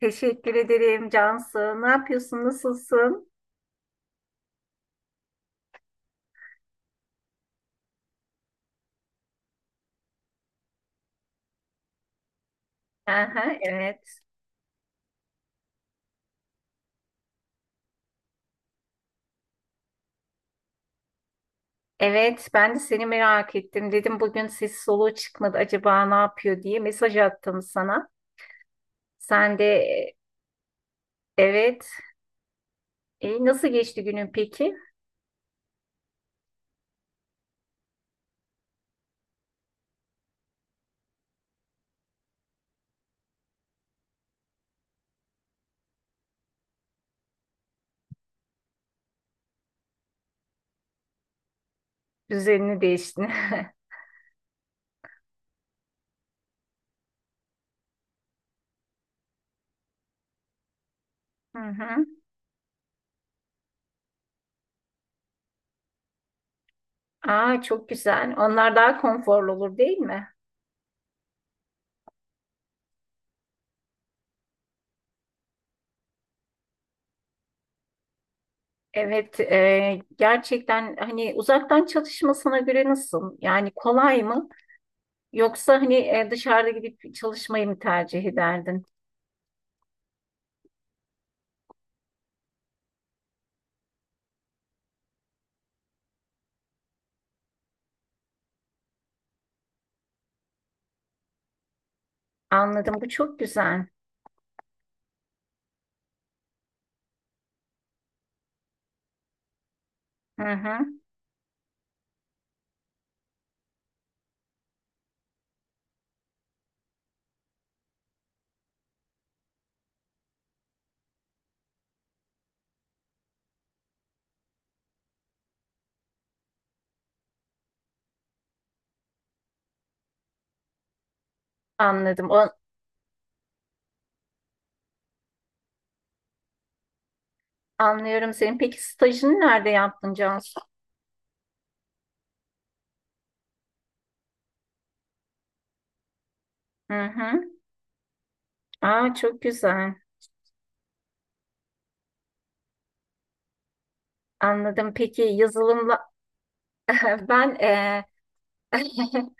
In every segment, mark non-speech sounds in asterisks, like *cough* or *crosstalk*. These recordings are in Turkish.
Teşekkür ederim Cansu. Ne yapıyorsun? Nasılsın? Aha, evet. Evet, ben de seni merak ettim. Dedim bugün ses soluğu çıkmadı. Acaba ne yapıyor diye mesaj attım sana. Sen de evet. E, nasıl geçti günün peki? Düzenini değiştin. *laughs* Hı hı. Aa, çok güzel. Onlar daha konforlu olur, değil mi? Evet, gerçekten hani uzaktan çalışmasına göre nasıl? Yani kolay mı? Yoksa hani dışarıda gidip çalışmayı mı tercih ederdin? Anladım. Bu çok güzel. Hı hı. Anladım. Anlıyorum senin. Peki stajını nerede yaptın Cansu? Hı hı. Aa, çok güzel. Anladım. Peki yazılımla *laughs* ben *laughs*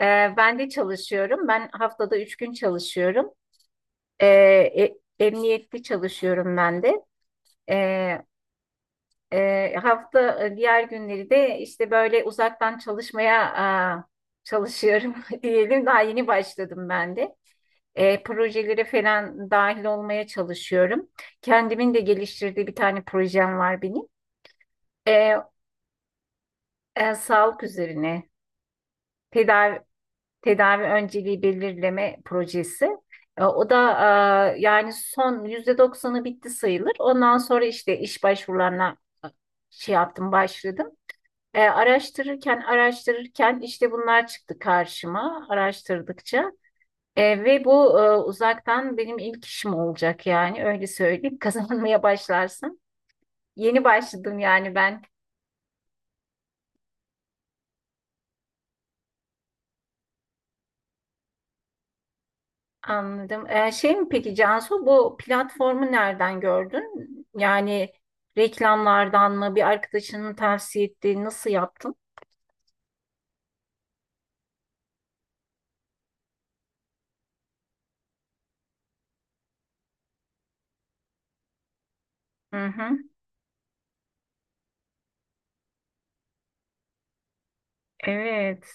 ben de çalışıyorum. Ben haftada üç gün çalışıyorum. Emniyetli çalışıyorum ben de. E, hafta diğer günleri de işte böyle uzaktan çalışmaya çalışıyorum *laughs* diyelim. Daha yeni başladım ben de. Projelere falan dahil olmaya çalışıyorum. Kendimin de geliştirdiği bir tane projem var benim. E, sağlık üzerine tedavi tedavi önceliği belirleme projesi. O da yani son %90'ı bitti sayılır. Ondan sonra işte iş başvurularına şey yaptım, başladım. Araştırırken işte bunlar çıktı karşıma araştırdıkça. Ve bu uzaktan benim ilk işim olacak yani öyle söyleyeyim. *laughs* Kazanmaya başlarsın. Yeni başladım yani ben anladım. Şey mi peki Cansu bu platformu nereden gördün? Yani reklamlardan mı, bir arkadaşının tavsiye ettiği, nasıl yaptın? Hı hı. Evet.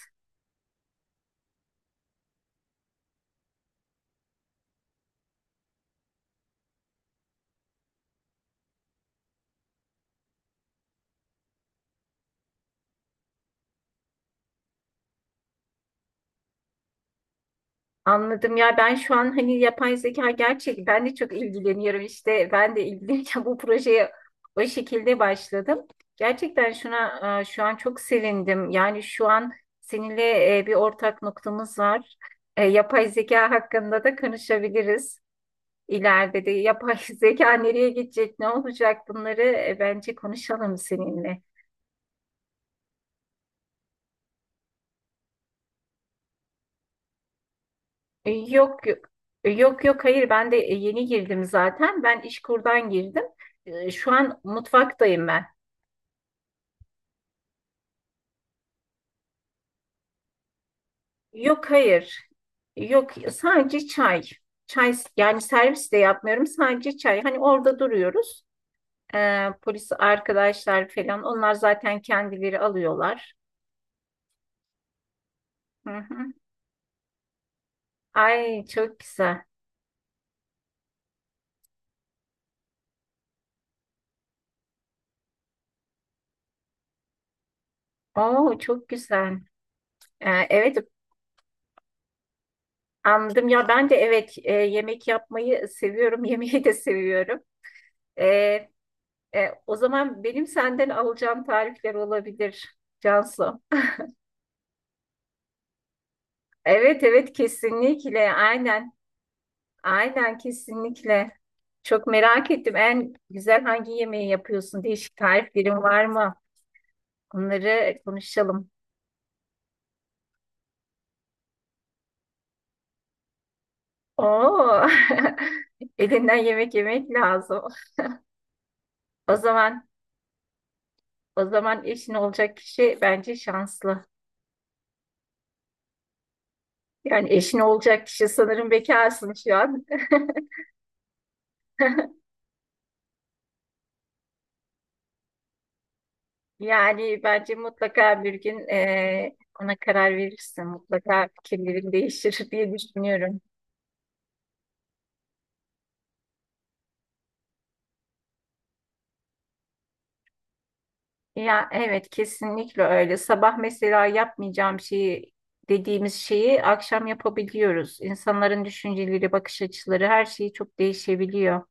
Anladım ya, ben şu an hani yapay zeka gerçek ben de çok ilgileniyorum işte ben de ilgilenirken *laughs* bu projeye o şekilde başladım. Gerçekten şuna şu an çok sevindim. Yani şu an seninle bir ortak noktamız var. E, Yapay zeka hakkında da konuşabiliriz. İleride de yapay *laughs* zeka nereye gidecek, ne olacak bunları bence konuşalım seninle. E, Yok yok, yok, hayır ben de yeni girdim zaten, ben İşkur'dan girdim. Şu an mutfaktayım ben. Yok, hayır, yok, sadece çay, çay, yani servis de yapmıyorum, sadece çay, hani orada duruyoruz. Polis arkadaşlar falan onlar zaten kendileri alıyorlar. Hı hı. Ay, çok güzel. Oo, çok güzel. Evet, anladım ya, ben de evet, yemek yapmayı seviyorum, *laughs* yemeği de seviyorum. Ee, o zaman benim senden alacağım tarifler olabilir Cansu. Evet, evet, kesinlikle, aynen aynen, kesinlikle. Çok merak ettim, en güzel hangi yemeği yapıyorsun? Değişik tariflerin var mı? Bunları konuşalım. Oo. *laughs* Elinden yemek yemek lazım. O zaman, o zaman eşin olacak kişi bence şanslı. Yani eşin olacak kişi, sanırım bekarsın şu an. *laughs* Yani bence mutlaka bir gün ona karar verirsin. Mutlaka fikirlerin değişir *laughs* diye düşünüyorum. Ya evet, kesinlikle öyle. Sabah mesela yapmayacağım şeyi dediğimiz şeyi akşam yapabiliyoruz. İnsanların düşünceleri, bakış açıları, her şeyi çok değişebiliyor.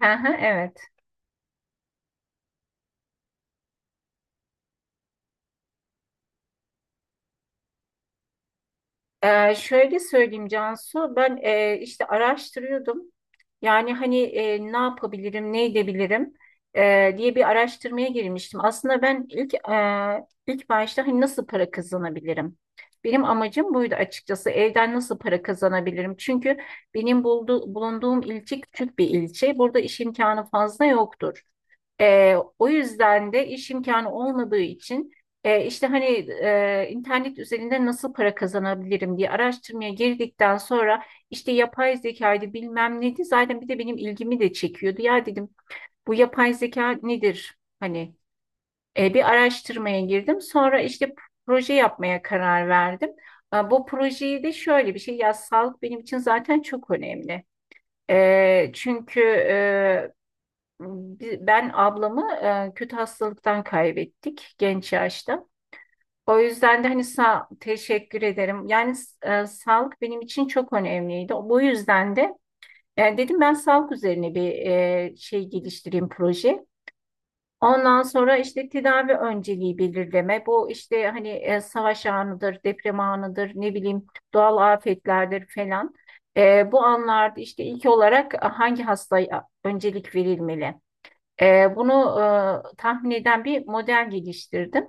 Hı hı, evet. Şöyle söyleyeyim Cansu, ben işte araştırıyordum. Yani hani ne yapabilirim, ne edebilirim diye bir araştırmaya girmiştim. Aslında ben ilk başta hani nasıl para kazanabilirim? Benim amacım buydu açıkçası. Evden nasıl para kazanabilirim? Çünkü benim bulunduğum ilçe küçük bir ilçe. Burada iş imkanı fazla yoktur. O yüzden de iş imkanı olmadığı için işte hani internet üzerinde nasıl para kazanabilirim diye araştırmaya girdikten sonra işte yapay zekaydı, bilmem neydi, zaten bir de benim ilgimi de çekiyordu. Ya dedim, bu yapay zeka nedir? Hani bir araştırmaya girdim, sonra işte proje yapmaya karar verdim. Bu projeyi de şöyle bir şey, ya sağlık benim için zaten çok önemli. Çünkü ben ablamı kötü hastalıktan kaybettik genç yaşta. O yüzden de hani sağ, teşekkür ederim. Yani sağlık benim için çok önemliydi. Bu yüzden de dedim ben sağlık üzerine bir şey geliştireyim, proje. Ondan sonra işte tedavi önceliği belirleme. Bu işte hani savaş anıdır, deprem anıdır, ne bileyim, doğal afetlerdir falan. Bu anlarda işte ilk olarak hangi hastaya öncelik verilmeli? Bunu tahmin eden bir model geliştirdim.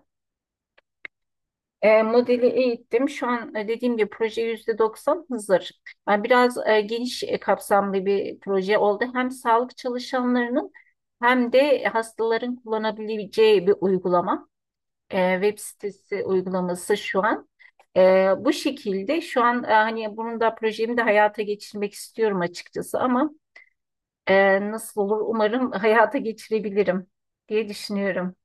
Modeli eğittim. Şu an dediğim gibi proje %90 hazır. Yani biraz geniş, kapsamlı bir proje oldu. Hem sağlık çalışanlarının hem de hastaların kullanabileceği bir uygulama. Web sitesi uygulaması şu an. Bu şekilde şu an hani bunun da projemi de hayata geçirmek istiyorum açıkçası ama nasıl olur, umarım hayata geçirebilirim diye düşünüyorum.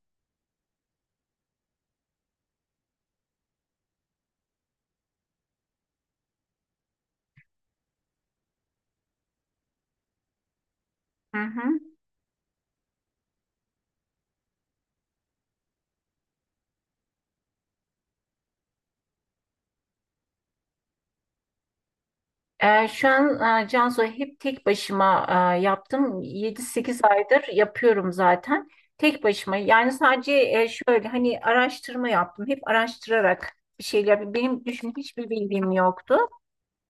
Hı hı. Şu an Cansu hep tek başıma yaptım. 7 8 aydır yapıyorum zaten. Tek başıma. Yani sadece şöyle hani araştırma yaptım. Hep araştırarak bir şeyler. Benim düşün hiçbir bilgim yoktu.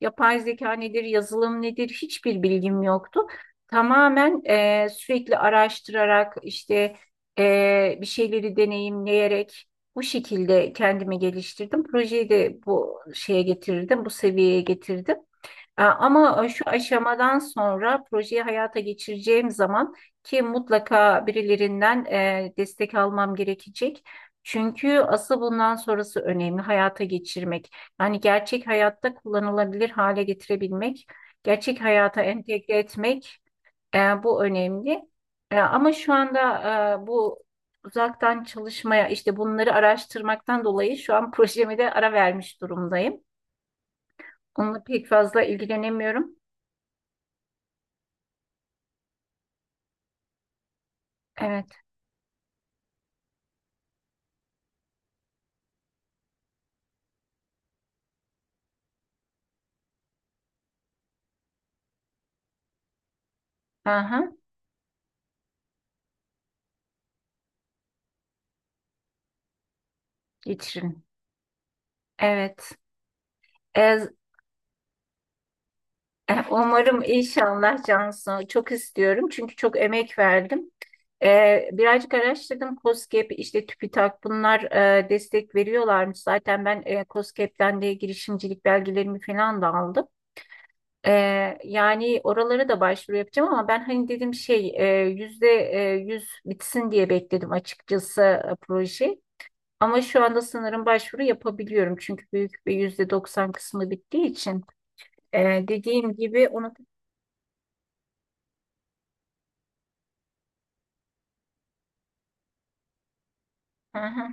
Yapay zeka nedir, yazılım nedir, hiçbir bilgim yoktu. Tamamen sürekli araştırarak işte bir şeyleri deneyimleyerek bu şekilde kendimi geliştirdim. Projeyi de bu şeye getirdim, bu seviyeye getirdim. Ama şu aşamadan sonra projeyi hayata geçireceğim zaman ki mutlaka birilerinden destek almam gerekecek. Çünkü asıl bundan sonrası önemli, hayata geçirmek. Yani gerçek hayatta kullanılabilir hale getirebilmek, gerçek hayata entegre etmek, bu önemli. Ama şu anda bu uzaktan çalışmaya işte bunları araştırmaktan dolayı şu an *laughs* projemi de ara vermiş durumdayım. Onunla pek fazla ilgilenemiyorum. Evet. Aha, geçirin. Evet. E, umarım inşallah Cansu. Çok istiyorum çünkü çok emek verdim. Birazcık araştırdım. KOSGEB, işte TÜBİTAK, bunlar destek veriyorlarmış. Zaten ben KOSGEB'den de girişimcilik belgelerimi falan da aldım. E, yani oralara da başvuru yapacağım ama ben hani dedim şey yüz bitsin diye bekledim açıkçası proje. Ama şu anda sanırım başvuru yapabiliyorum. Çünkü büyük bir %90 kısmı bittiği için. Dediğim gibi onu... Hı hı.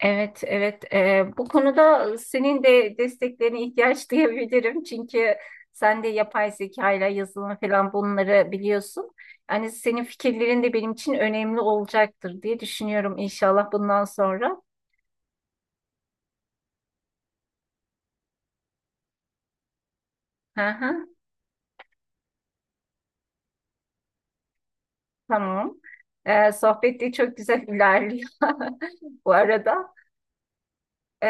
Evet, evet. Bu konuda senin de desteklerine ihtiyaç *laughs* duyabilirim. Çünkü sen de yapay zeka ile yazılım falan bunları biliyorsun. Yani senin fikirlerin de benim için önemli olacaktır diye düşünüyorum inşallah bundan sonra. Hı hı, tamam. Sohbet de çok güzel ilerliyor *laughs* bu arada. Ee,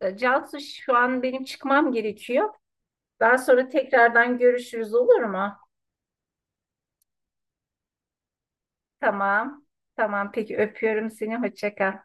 Cansu şu an benim çıkmam gerekiyor. Daha sonra tekrardan görüşürüz, olur mu? Tamam. Tamam, peki öpüyorum seni. Hoşça kal.